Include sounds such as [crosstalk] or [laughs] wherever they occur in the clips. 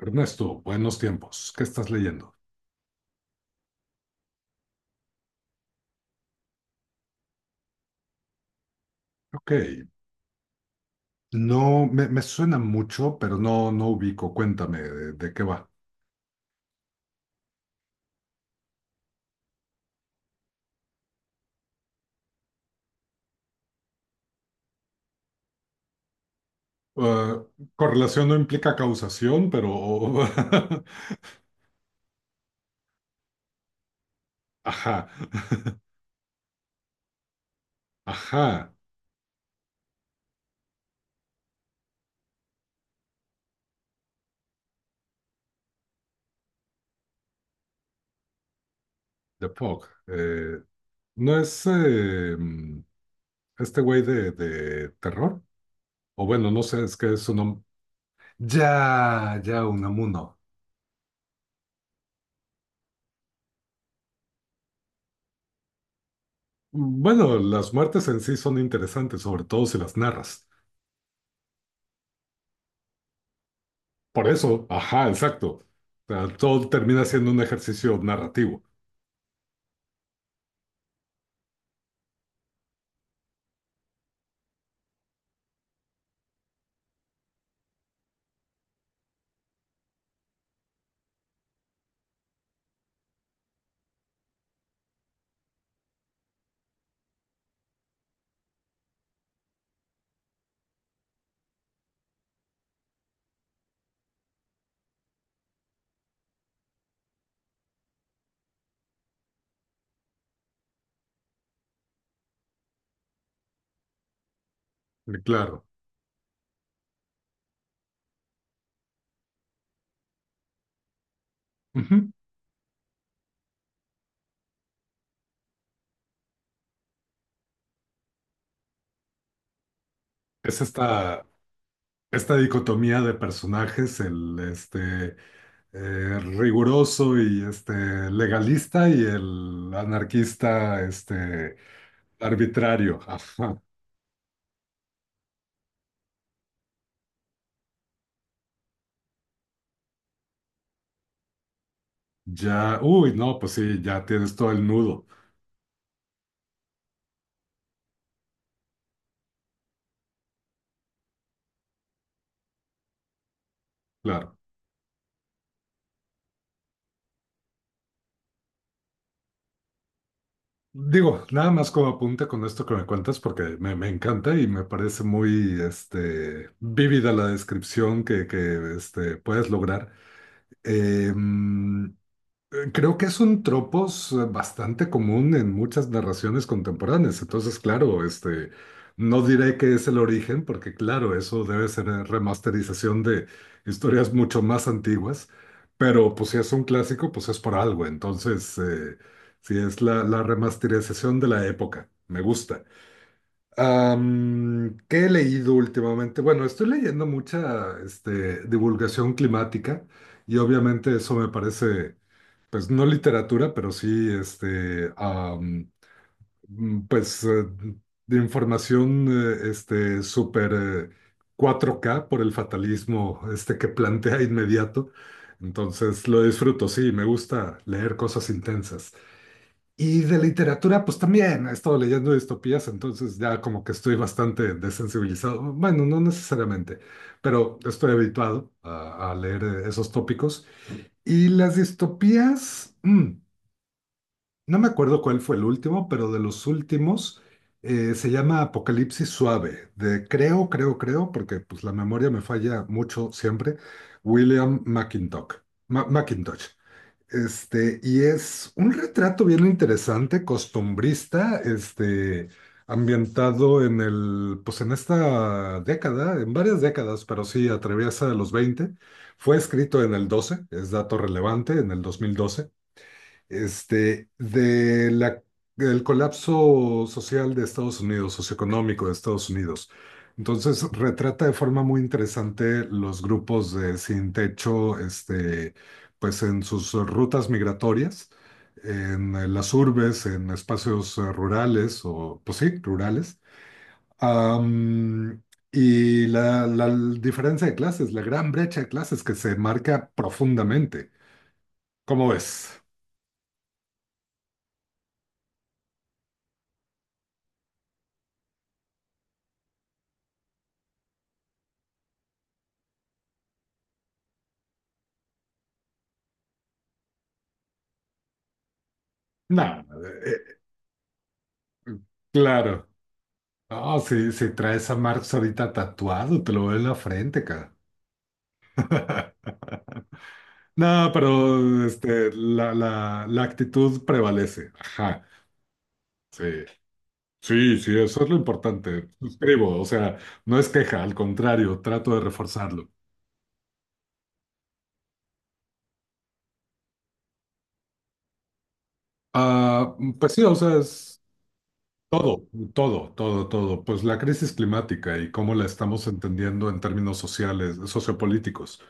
Ernesto, buenos tiempos. ¿Qué estás leyendo? Ok, no me, me suena mucho, pero no ubico. Cuéntame de qué va. Eh, correlación no implica causación, pero... [laughs] Ajá, [laughs] ajá, The Fog. ¿No es este güey de terror? O bueno, no sé, es que es un... nom- ya, Unamuno. Bueno, las muertes en sí son interesantes, sobre todo si las narras. Por eso, ajá, exacto. O sea, todo termina siendo un ejercicio narrativo, claro. Ujú. Es esta, esta dicotomía de personajes, riguroso legalista y el anarquista arbitrario. Ajá. Ya, uy, no, pues sí, ya tienes todo el nudo, claro. Digo, nada más como apunta con esto que me cuentas, porque me encanta y me parece muy vívida la descripción que puedes lograr. Em, Creo que es un tropos bastante común en muchas narraciones contemporáneas. Entonces, claro, no diré que es el origen, porque claro, eso debe ser remasterización de historias mucho más antiguas. Pero pues si es un clásico, pues es por algo. Entonces, si es la remasterización de la época, me gusta. ¿Qué he leído últimamente? Bueno, estoy leyendo mucha divulgación climática y obviamente eso me parece pues no literatura, pero sí, pues de información, súper 4K por el fatalismo, que plantea inmediato. Entonces lo disfruto, sí, me gusta leer cosas intensas. Y de literatura, pues también he estado leyendo distopías, entonces ya como que estoy bastante desensibilizado. Bueno, no necesariamente, pero estoy habituado a leer esos tópicos. Y las distopías... no me acuerdo cuál fue el último, pero de los últimos se llama Apocalipsis Suave, de creo, porque pues la memoria me falla mucho siempre, William McIntosh. Ma- McIntosh. Este, y es un retrato bien interesante, costumbrista, ambientado en el, pues en esta década, en varias décadas, pero sí atraviesa los 20. Fue escrito en el 12, es dato relevante, en el 2012. Este, del colapso social de Estados Unidos, socioeconómico de Estados Unidos. Entonces, retrata de forma muy interesante los grupos de sin techo, pues en sus rutas migratorias, en las urbes, en espacios rurales, o pues sí, rurales. Am, y la diferencia de clases, la gran brecha de clases que se marca profundamente. ¿Cómo ves? Nada. Claro. No, sí, si traes a Marx ahorita tatuado, te lo veo en la frente, cara. [laughs] No, pero este, la actitud prevalece. Ajá. Sí. Sí, sí, eso es lo importante. Suscribo, o sea, no es queja, al contrario, trato de reforzarlo. Ah, pues sí, o sea, es todo, todo. Pues la crisis climática y cómo la estamos entendiendo en términos sociales, sociopolíticos.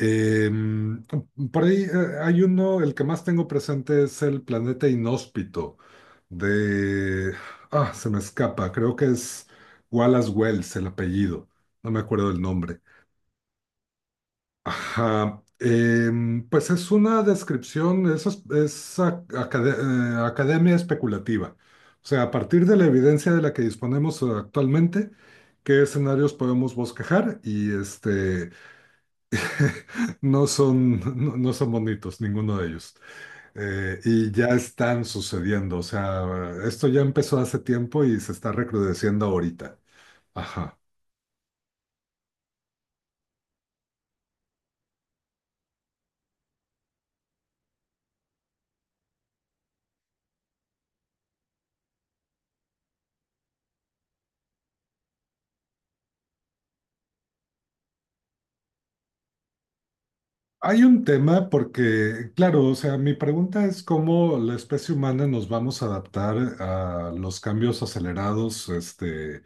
Eh, por ahí hay uno, el que más tengo presente es el planeta inhóspito de... Ah, se me escapa, creo que es Wallace Wells el apellido, no me acuerdo el nombre. Ajá, pues es una descripción, eso es a- acade- academia especulativa. O sea, a partir de la evidencia de la que disponemos actualmente, qué escenarios podemos bosquejar y este... No son, [laughs] no, no son bonitos, ninguno de ellos. Y ya están sucediendo. O sea, esto ya empezó hace tiempo y se está recrudeciendo ahorita. Ajá. Hay un tema porque, claro, o sea, mi pregunta es cómo la especie humana nos vamos a adaptar a los cambios acelerados,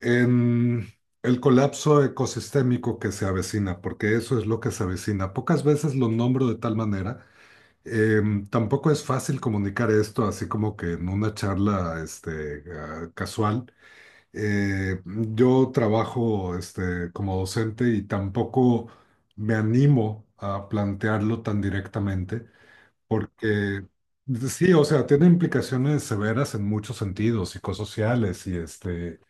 en el colapso ecosistémico que se avecina, porque eso es lo que se avecina. Pocas veces lo nombro de tal manera. Tampoco es fácil comunicar esto así como que en una charla casual. Yo trabajo como docente y tampoco me animo a plantearlo tan directamente porque sí, o sea, tiene implicaciones severas en muchos sentidos, psicosociales y, este,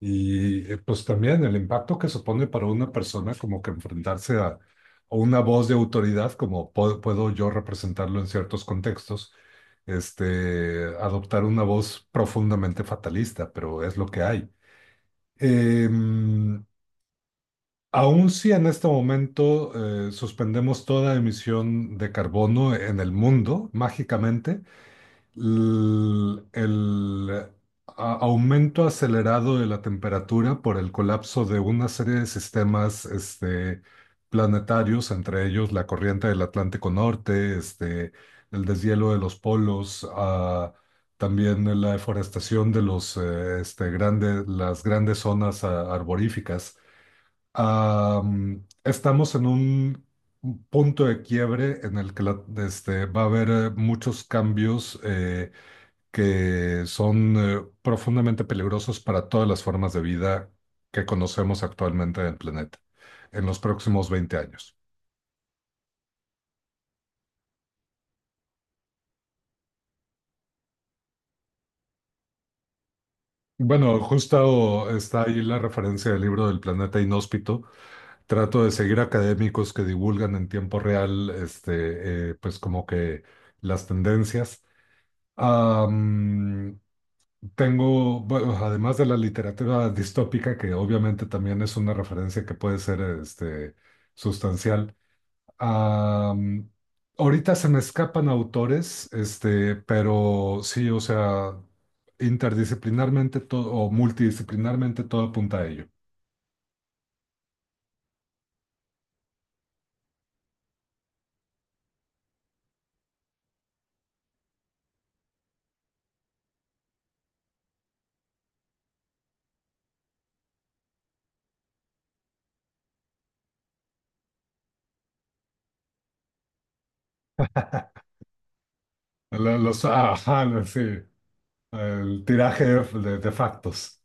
y eh, pues también el impacto que supone para una persona como que enfrentarse a una voz de autoridad, como po- puedo yo representarlo en ciertos contextos, adoptar una voz profundamente fatalista, pero es lo que hay. Em, aun si en este momento suspendemos toda emisión de carbono en el mundo, mágicamente, l- el a- aumento acelerado de la temperatura por el colapso de una serie de sistemas planetarios, entre ellos la corriente del Atlántico Norte, el deshielo de los polos, también la deforestación de los, grande- las grandes zonas arboríficas. Estamos en un punto de quiebre en el que la- va a haber muchos cambios que son profundamente peligrosos para todas las formas de vida que conocemos actualmente en el planeta en los próximos 20 años. Bueno, justo está ahí la referencia del libro del planeta inhóspito. Trato de seguir académicos que divulgan en tiempo real, pues como que las tendencias. Am, tengo, bueno, además de la literatura distópica, que obviamente también es una referencia que puede ser, sustancial. Am, ahorita se me escapan autores, pero sí, o sea, interdisciplinarmente todo o multidisciplinarmente todo apunta a ello. La- Los, ajá, la- sí, el tiraje de factos.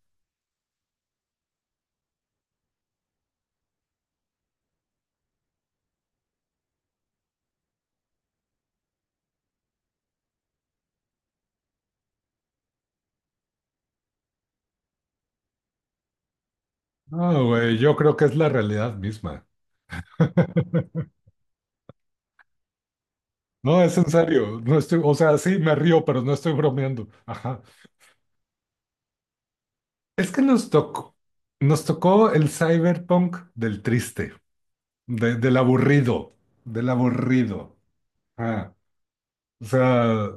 No, güey, yo creo que es la realidad misma. [laughs] No, es en serio. No estoy, o sea, sí, me río, pero no estoy bromeando. Ajá. Es que nos tocó el cyberpunk del triste, del aburrido, del aburrido. Ah, o sea,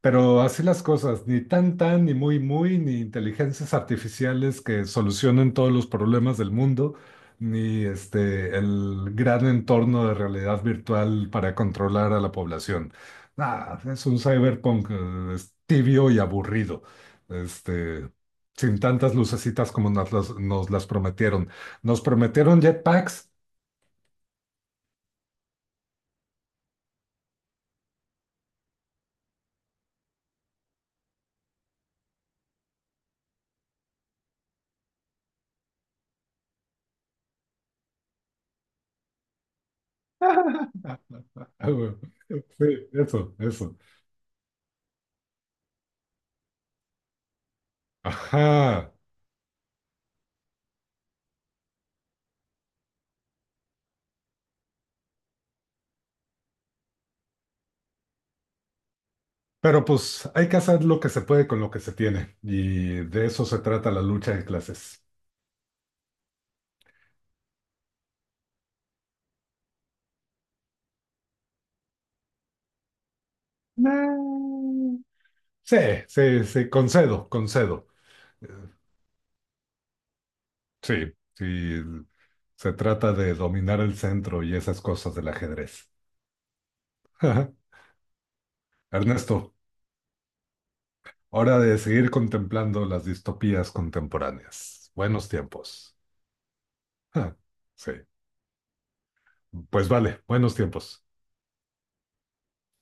pero así las cosas, ni tan tan, ni muy muy, ni inteligencias artificiales que solucionen todos los problemas del mundo, ni este el gran entorno de realidad virtual para controlar a la población. Ah, es un cyberpunk es tibio y aburrido, este, sin tantas lucecitas como nos las prometieron. Nos prometieron jetpacks. [laughs] Sí, eso, eso. Ajá. Pero pues hay que hacer lo que se puede con lo que se tiene. Y de eso se trata la lucha de clases. Mm. Sí, sí, sí, concedo, concedo. Sí, sí. Se trata de dominar el centro y esas cosas del ajedrez. [laughs] Ernesto, hora de seguir contemplando las distopías contemporáneas. Buenos tiempos. Ah, Sí, pues vale, buenos tiempos.